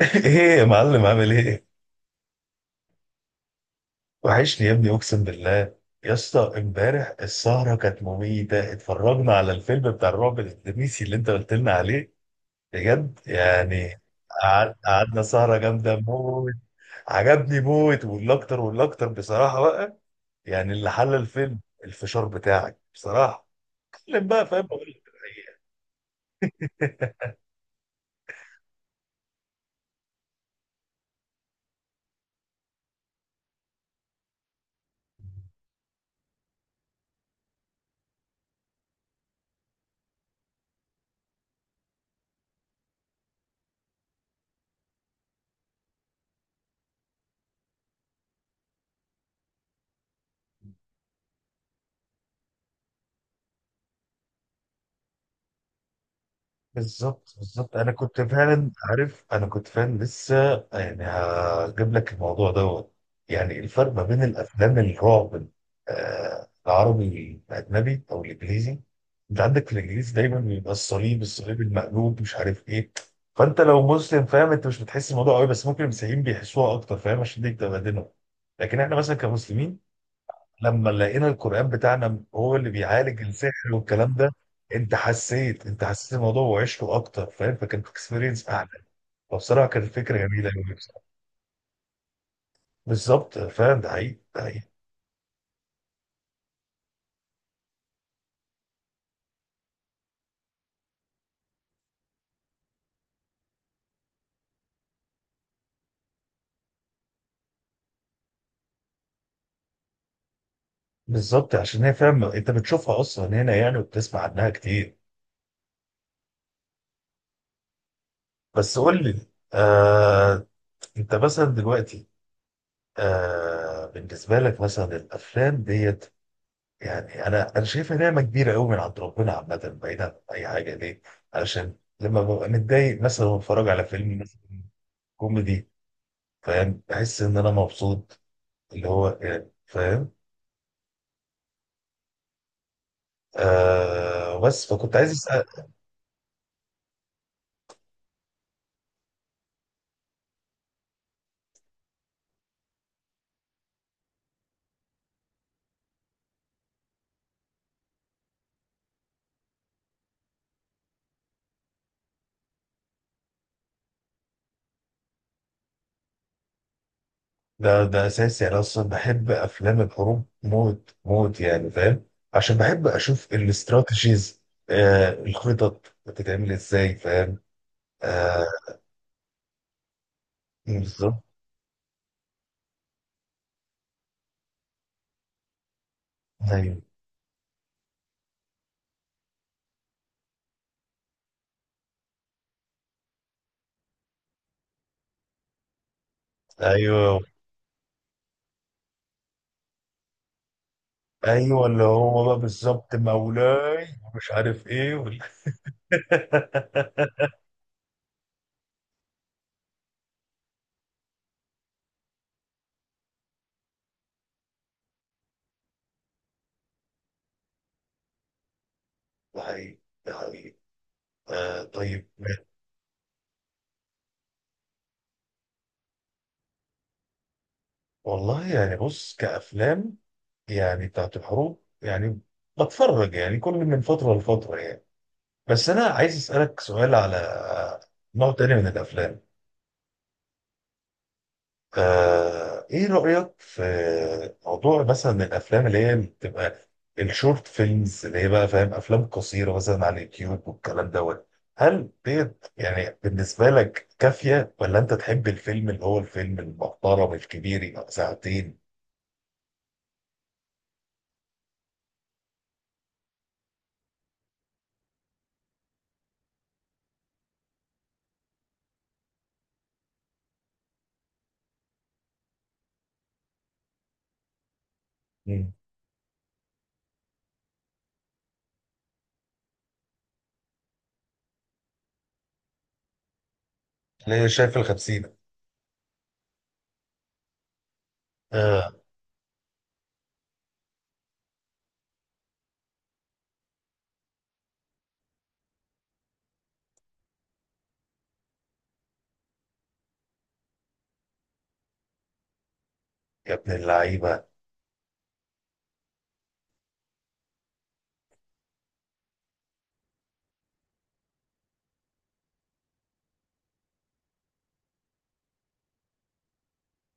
ايه يا معلم عامل ايه؟ وحشني يا ابني اقسم بالله. يا اسطى امبارح السهرة كانت مميتة، اتفرجنا على الفيلم بتاع الرعب الاندونيسي اللي انت قلت لنا عليه بجد يعني. قعدنا سهرة جامدة موت. عجبني موت، والاكتر والاكتر بصراحة بقى. يعني اللي حل الفيلم الفشار بتاعك بصراحة. اتكلم بقى، فاهم، بقول لك الحقيقة. بالظبط بالظبط، انا كنت فعلا عارف، انا كنت فعلا لسه. يعني هجيب لك الموضوع دوت. يعني الفرق ما بين الافلام الرعب، العربي الاجنبي او الانجليزي. انت عندك في الانجليزي دايما بيبقى الصليب، الصليب المقلوب، مش عارف ايه. فانت لو مسلم فاهم، انت مش بتحس الموضوع قوي، بس ممكن المسيحيين بيحسوها اكتر فاهم، عشان دي بتبقى دينهم. لكن احنا مثلا كمسلمين لما لقينا القرآن بتاعنا هو اللي بيعالج السحر والكلام ده. انت حسيت، انت حسيت الموضوع وعشته اكتر فاهم، فكانت اكسبيرينس اعلى. فبصراحه كانت فكره جميله قوي بصراحه. بالظبط فاهم، ده حقيقي، ده حقيقي. بالظبط عشان هي فاهم انت بتشوفها اصلا هنا يعني وبتسمع عنها كتير. بس قول لي. آه، انت مثلا دلوقتي. بالنسبه لك مثلا الافلام ديت، يعني انا شايفها نعمه كبيره قوي من عند ربنا عامه بعيدا عن اي حاجه، ليه؟ علشان لما ببقى متضايق مثلا واتفرج على فيلم مثلا كوميدي فاهم، بحس ان انا مبسوط، اللي هو يعني فاهم. آه بس فكنت عايز اسال. ده ده اساسي، انا اصلا بحب افلام الحروب موت موت يعني فاهم. عشان بحب اشوف الاستراتيجيز، الخطط بتتعمل ازاي فاهم. آه، بالظبط. ايوه ايوه، ايوه اللي هو بقى بالظبط، مولاي ومش عارف ايه وال... ده حقيقي، ده حقيقي. آه طيب. والله يعني بص، كأفلام يعني بتاعت الحروب يعني بتفرج يعني كل من فترة لفترة يعني. بس أنا عايز أسألك سؤال على نوع تاني من الأفلام. آه، ايه رأيك في موضوع مثلا الافلام اللي هي بتبقى الشورت فيلمز، اللي هي بقى فاهم افلام قصيرة مثلا على اليوتيوب والكلام دوت. هل ديت يعني بالنسبة لك كافية، ولا انت تحب الفيلم اللي هو الفيلم المحترم الكبير يبقى ساعتين؟ مم. اللي هي شايف الخمسين. اه. يا ابن اللعيبة.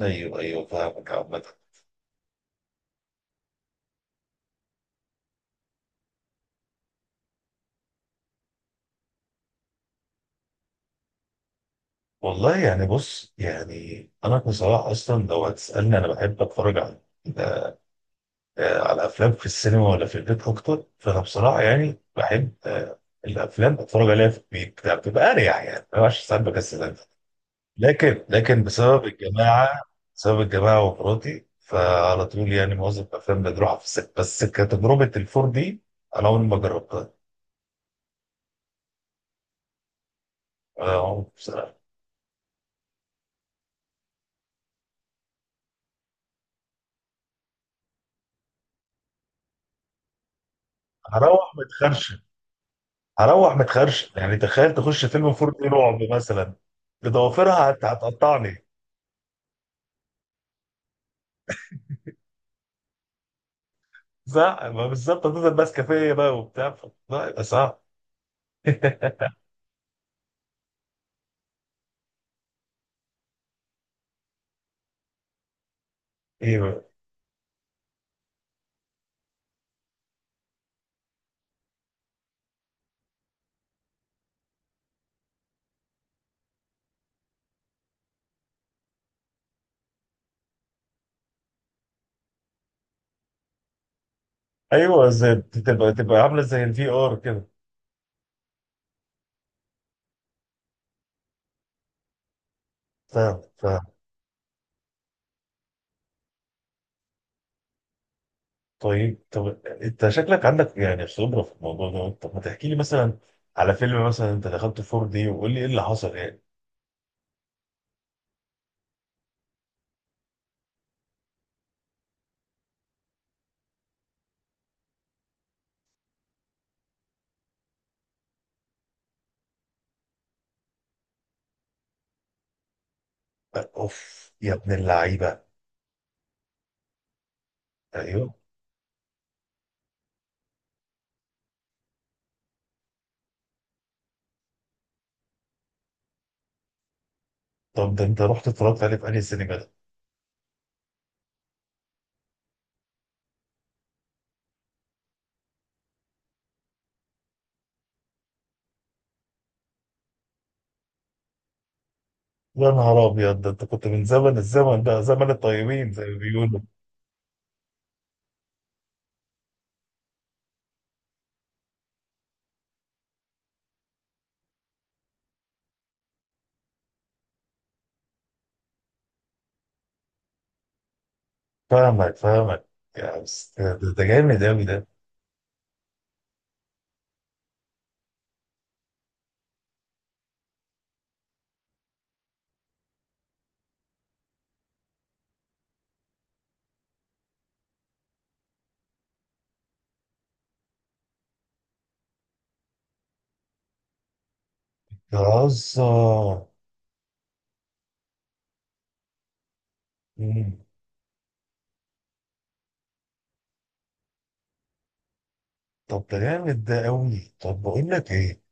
ايوه ايوه فاهمك عامة. والله يعني بص، يعني انا بصراحة اصلا لو هتسألني انا بحب اتفرج على، آه، على افلام في السينما ولا في البيت اكتر، فانا بصراحه يعني بحب، آه، الافلام اتفرج عليها في البيت، لا، بتبقى اريح يعني، ما بعرفش ساعات بكسل أنزل. لكن بسبب الجماعه، بسبب الجماعه ومراتي، فعلى طول يعني معظم الافلام بنروحها في السينما. بس كتجربه الفور دي انا عمري ما جربتها. أنا عمري بصراحه. هروح متخرشم، هروح متخرشم يعني تخيل تخش فيلم فور دي رعب مثلا. بضوافرها هتقطعني. صح، ما بالظبط هتفضل ماسكه فيا بقى وبتاع، لا يبقى صعب. ايوه ايوه، زي تبقى، تبقى عامله زي الفي ار كده. فاهم فاهم. طيب. طب انت شكلك عندك يعني خبره في الموضوع ده، طب ما تحكي لي مثلا على فيلم مثلا انت دخلته 4 دي وقول لي ايه اللي حصل يعني. اوف يا ابن اللعيبه. ايوه. طب ده انت رحت اتفرجت عليه في انهي سينما ده؟ يا نهار ابيض، ده انت كنت من زمن، الزمن ده زمن الطيبين زي ما بيقولوا. فاهمك فاهمك. يا بس ده، ده ده جامد قوي ده. بتهزر. طب ده جامد ده قوي. طب بقول لك ايه،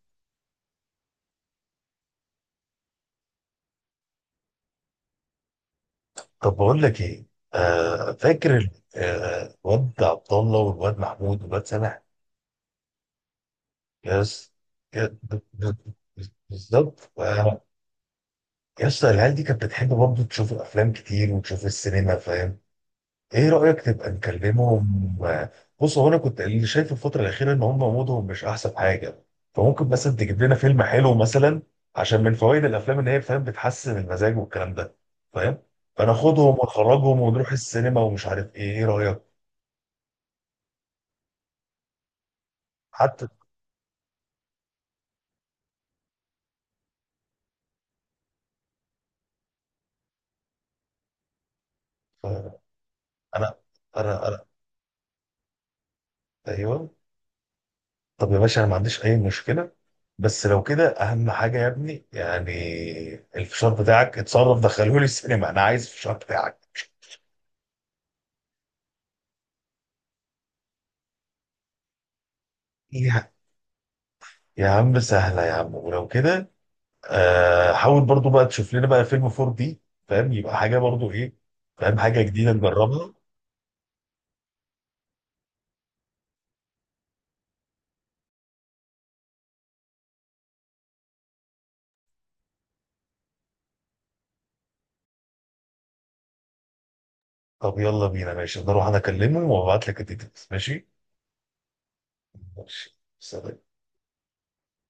طب بقول لك ايه. آه فاكر ال- آه، الواد عبد الله والواد محمود والواد سامح. يس. يا- ب- ب- بالظبط. آه، يس العيال دي كانت بتحب برضه تشوف الافلام كتير وتشوف السينما فاهم. ايه رأيك تبقى نكلمهم؟ بص هو انا كنت اللي شايف الفترة الأخيرة ان هم مودهم مش احسن حاجة، فممكن مثلا تجيب لنا فيلم حلو مثلا، عشان من فوائد الافلام ان هي فاهم بتحسن المزاج والكلام ده فاهم. فناخدهم ونخرجهم ونروح السينما ومش عارف ايه، ايه رأيك؟ حتى. آه، انا انا. ايوه. طب يا باشا انا ما عنديش اي مشكلة، بس لو كده اهم حاجة يا ابني يعني الفشار بتاعك اتصرف، دخلهولي السينما، انا عايز الفشار بتاعك. يا عم سهلة يا عم، ولو كده. آه حاول برضو بقى تشوف لنا بقى فيلم 4 دي، فاهم، يبقى حاجة برضو، ايه، فاهم، حاجة جديدة نجربها. طب يلا بينا، ماشي، انا اروح انا اكلمه وابعت لك الديتيلز ماشي. ماشي سلام.